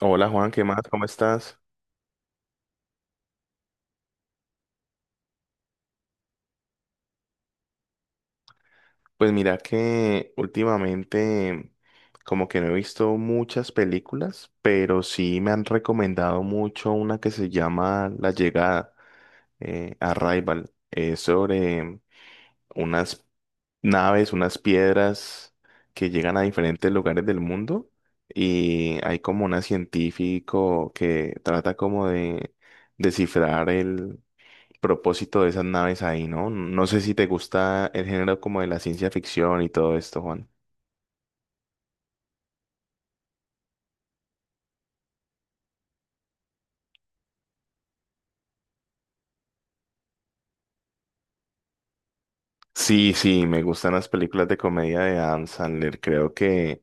Hola Juan, ¿qué más? ¿Cómo estás? Pues mira que últimamente como que no he visto muchas películas, pero sí me han recomendado mucho una que se llama La Llegada, Arrival. Es sobre unas naves, unas piedras que llegan a diferentes lugares del mundo y hay como un científico que trata como de descifrar propósito de esas naves ahí, ¿no? No sé si te gusta el género como de la ciencia ficción y todo esto, Juan. Sí, sí, me gustan las películas de comedia de Adam Sandler. Creo que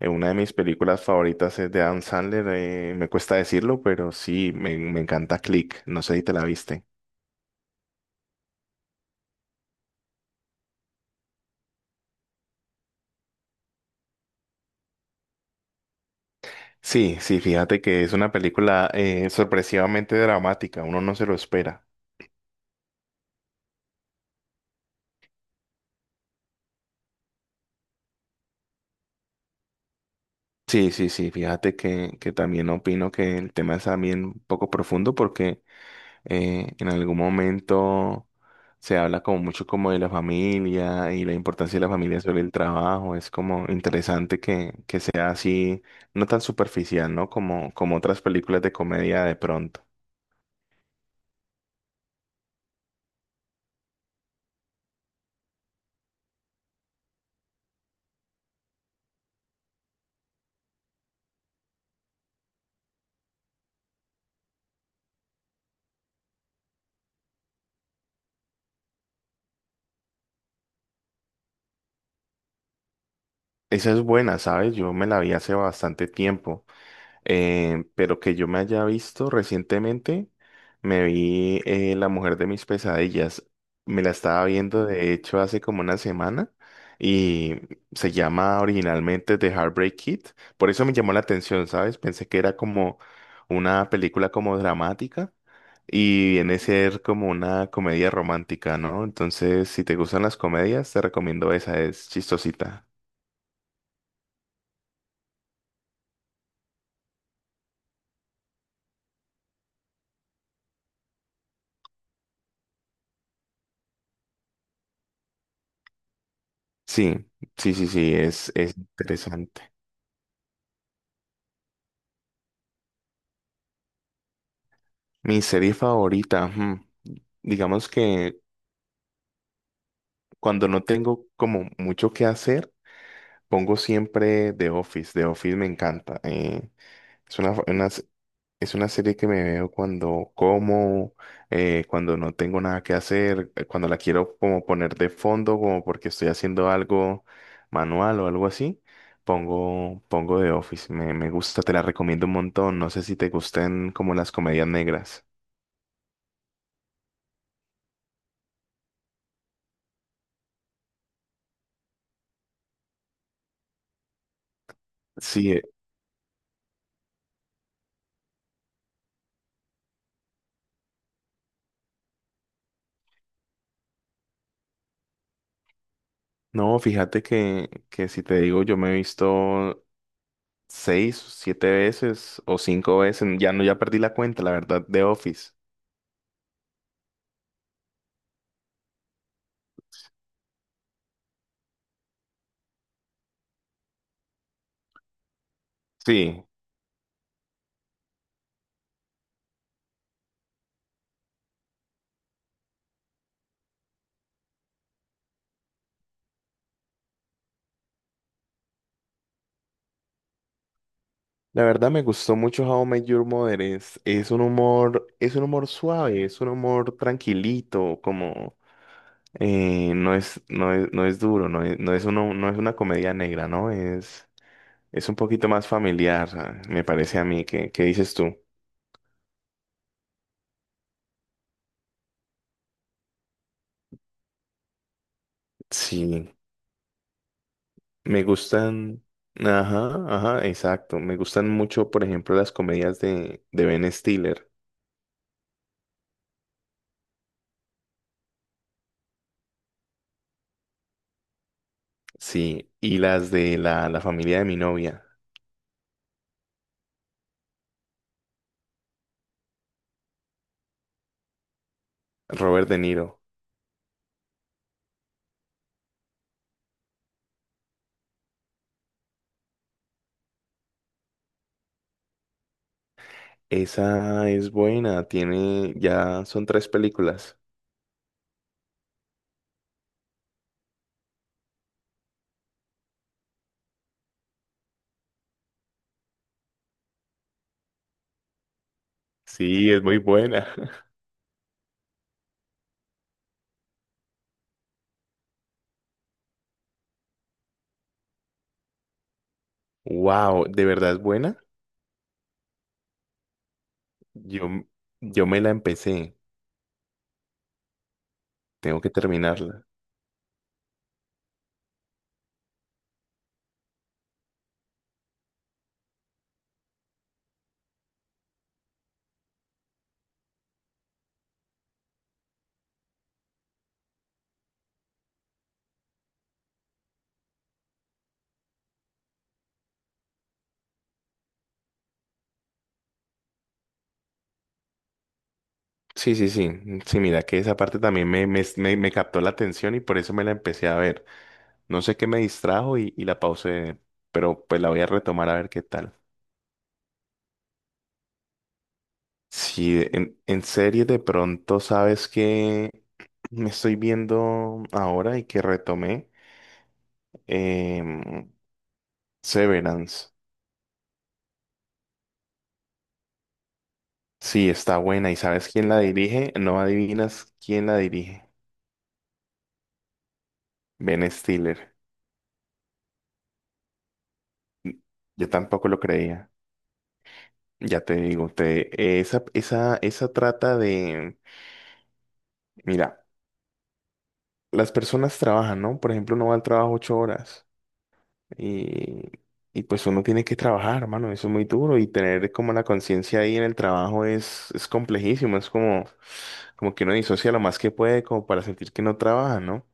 una de mis películas favoritas es de Adam Sandler. Me cuesta decirlo, pero sí, me encanta Click. No sé si te la viste. Sí, sí, fíjate que es una película sorpresivamente dramática. Uno no se lo espera. Sí, sí, sí, fíjate que también opino que el tema es también un poco profundo porque en algún momento se habla como mucho como de la familia y la importancia de la familia sobre el trabajo. Es como interesante que sea así, no tan superficial, ¿no? Como otras películas de comedia de pronto. Esa es buena, ¿sabes? Yo me la vi hace bastante tiempo. Pero que yo me haya visto recientemente, me vi La mujer de mis pesadillas. Me la estaba viendo, de hecho, hace como una semana y se llama originalmente The Heartbreak Kid. Por eso me llamó la atención, ¿sabes? Pensé que era como una película como dramática y viene a ser como una comedia romántica, ¿no? Entonces, si te gustan las comedias, te recomiendo esa, es chistosita. Sí, sí, sí, sí, es interesante. Mi serie favorita, digamos que cuando no tengo como mucho que hacer, pongo siempre The Office. The Office me encanta. Es una, fa- una s- es una serie que me veo cuando como, cuando no tengo nada que hacer, cuando la quiero como poner de fondo, como porque estoy haciendo algo manual o algo así. Pongo The Office. Me gusta, te la recomiendo un montón. No sé si te gusten como las comedias negras. Sí, no, fíjate que si te digo, yo me he visto seis, siete veces o cinco veces, ya no, ya perdí la cuenta, la verdad, de Office. Sí, la verdad me gustó mucho How I Met Your Mother. Es un humor, suave, es un humor tranquilito, como no es, no es duro, no es, no es una comedia negra, ¿no? Es un poquito más familiar, ah, me parece a mí. ¿Qué dices tú? Sí. Me gustan, ajá, ajá, exacto. Me gustan mucho, por ejemplo, las comedias de Ben Stiller, sí, y las de la, la familia de mi novia, Robert De Niro. Esa es buena, tiene, ya son tres películas. Sí, es muy buena. Wow, ¿de verdad es buena? Yo, m- yo me la empecé, tengo que terminarla. Sí, sí, sí, sí, mira que esa parte también me captó la atención y por eso me la empecé a ver. No sé qué me distrajo y la pausé, pero pues la voy a retomar a ver qué tal. Sí, en serie de pronto, ¿sabes? Que Me estoy viendo ahora y que retomé, Em, Severance. Sí, está buena. ¿Y sabes quién la dirige? No adivinas quién la dirige. Ben Stiller. Yo tampoco lo creía. Ya te digo, esa trata de, mira, las personas trabajan, ¿no? Por ejemplo, no va al trabajo 8 horas. Y, y pues uno tiene que trabajar, hermano, eso es muy duro y tener como la conciencia ahí en el trabajo es complejísimo, es como que uno disocia lo más que puede como para sentir que no trabaja, ¿no?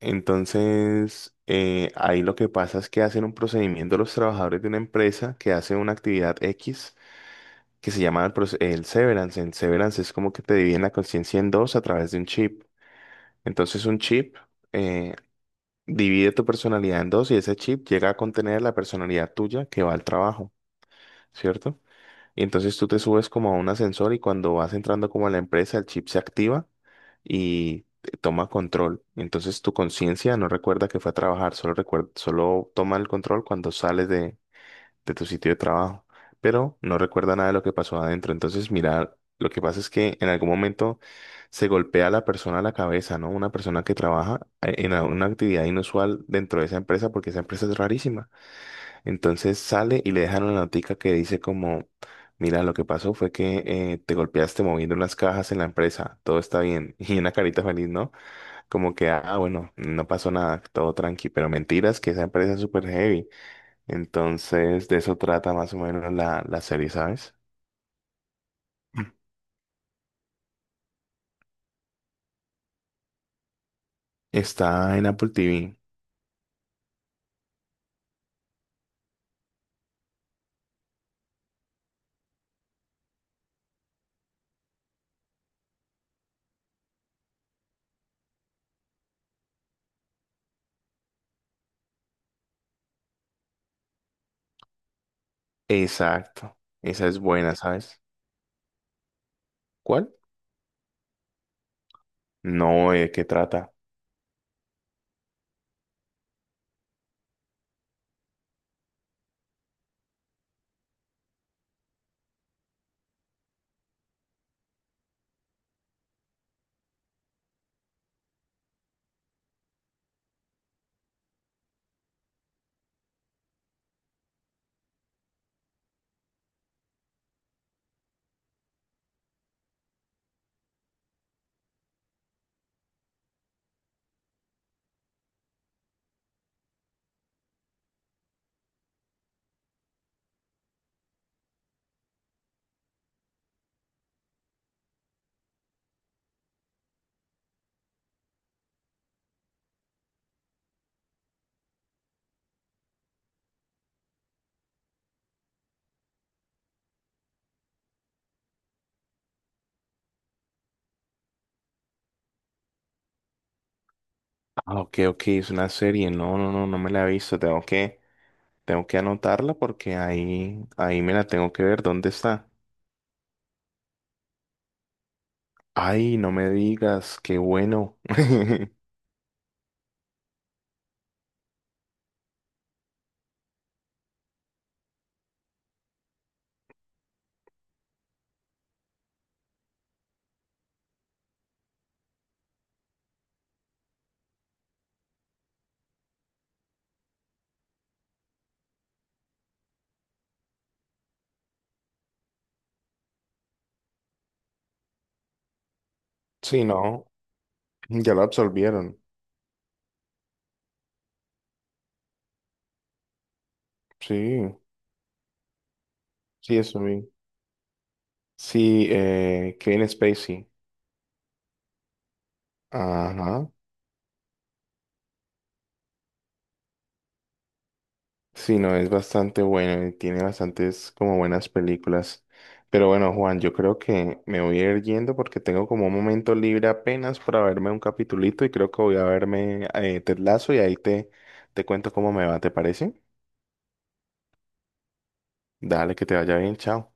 Entonces, ahí lo que pasa es que hacen un procedimiento los trabajadores de una empresa que hace una actividad X que se llama el severance. El severance es como que te dividen la conciencia en dos a través de un chip. Entonces, un chip, eh, divide tu personalidad en dos y ese chip llega a contener la personalidad tuya que va al trabajo, ¿cierto? Y entonces tú te subes como a un ascensor y cuando vas entrando como a la empresa, el chip se activa y te toma control. Entonces tu conciencia no recuerda que fue a trabajar, solo recuerda, solo toma el control cuando sales de tu sitio de trabajo, pero no recuerda nada de lo que pasó adentro. Entonces, mira, lo que pasa es que en algún momento se golpea a la persona a la cabeza, ¿no? Una persona que trabaja en una actividad inusual dentro de esa empresa, porque esa empresa es rarísima. Entonces sale y le dejan una notica que dice como, mira, lo que pasó fue que te golpeaste moviendo las cajas en la empresa, todo está bien. Y una carita feliz, ¿no? Como que, ah, bueno, no pasó nada, todo tranqui, pero mentiras que esa empresa es súper heavy. Entonces, de eso trata más o menos la, la serie, ¿sabes? Está en Apple TV. Exacto. Esa es buena, ¿sabes? ¿Cuál? No, ¿de qué trata? Ah, ok, ok, es una serie. No, no, no, no me la he visto. Tengo que anotarla porque ahí me la tengo que ver. ¿Dónde está? Ay, no me digas, qué bueno. Sí, no, ya lo absolvieron. Sí, sí, eso vi. Sí, Kevin Spacey. Ajá. Sí, no, es bastante bueno y tiene bastantes como buenas películas. Pero bueno, Juan, yo creo que me voy a ir yendo porque tengo como un momento libre apenas para verme un capitulito y creo que voy a verme Ted Lasso y ahí te cuento cómo me va, ¿te parece? Dale, que te vaya bien, chao.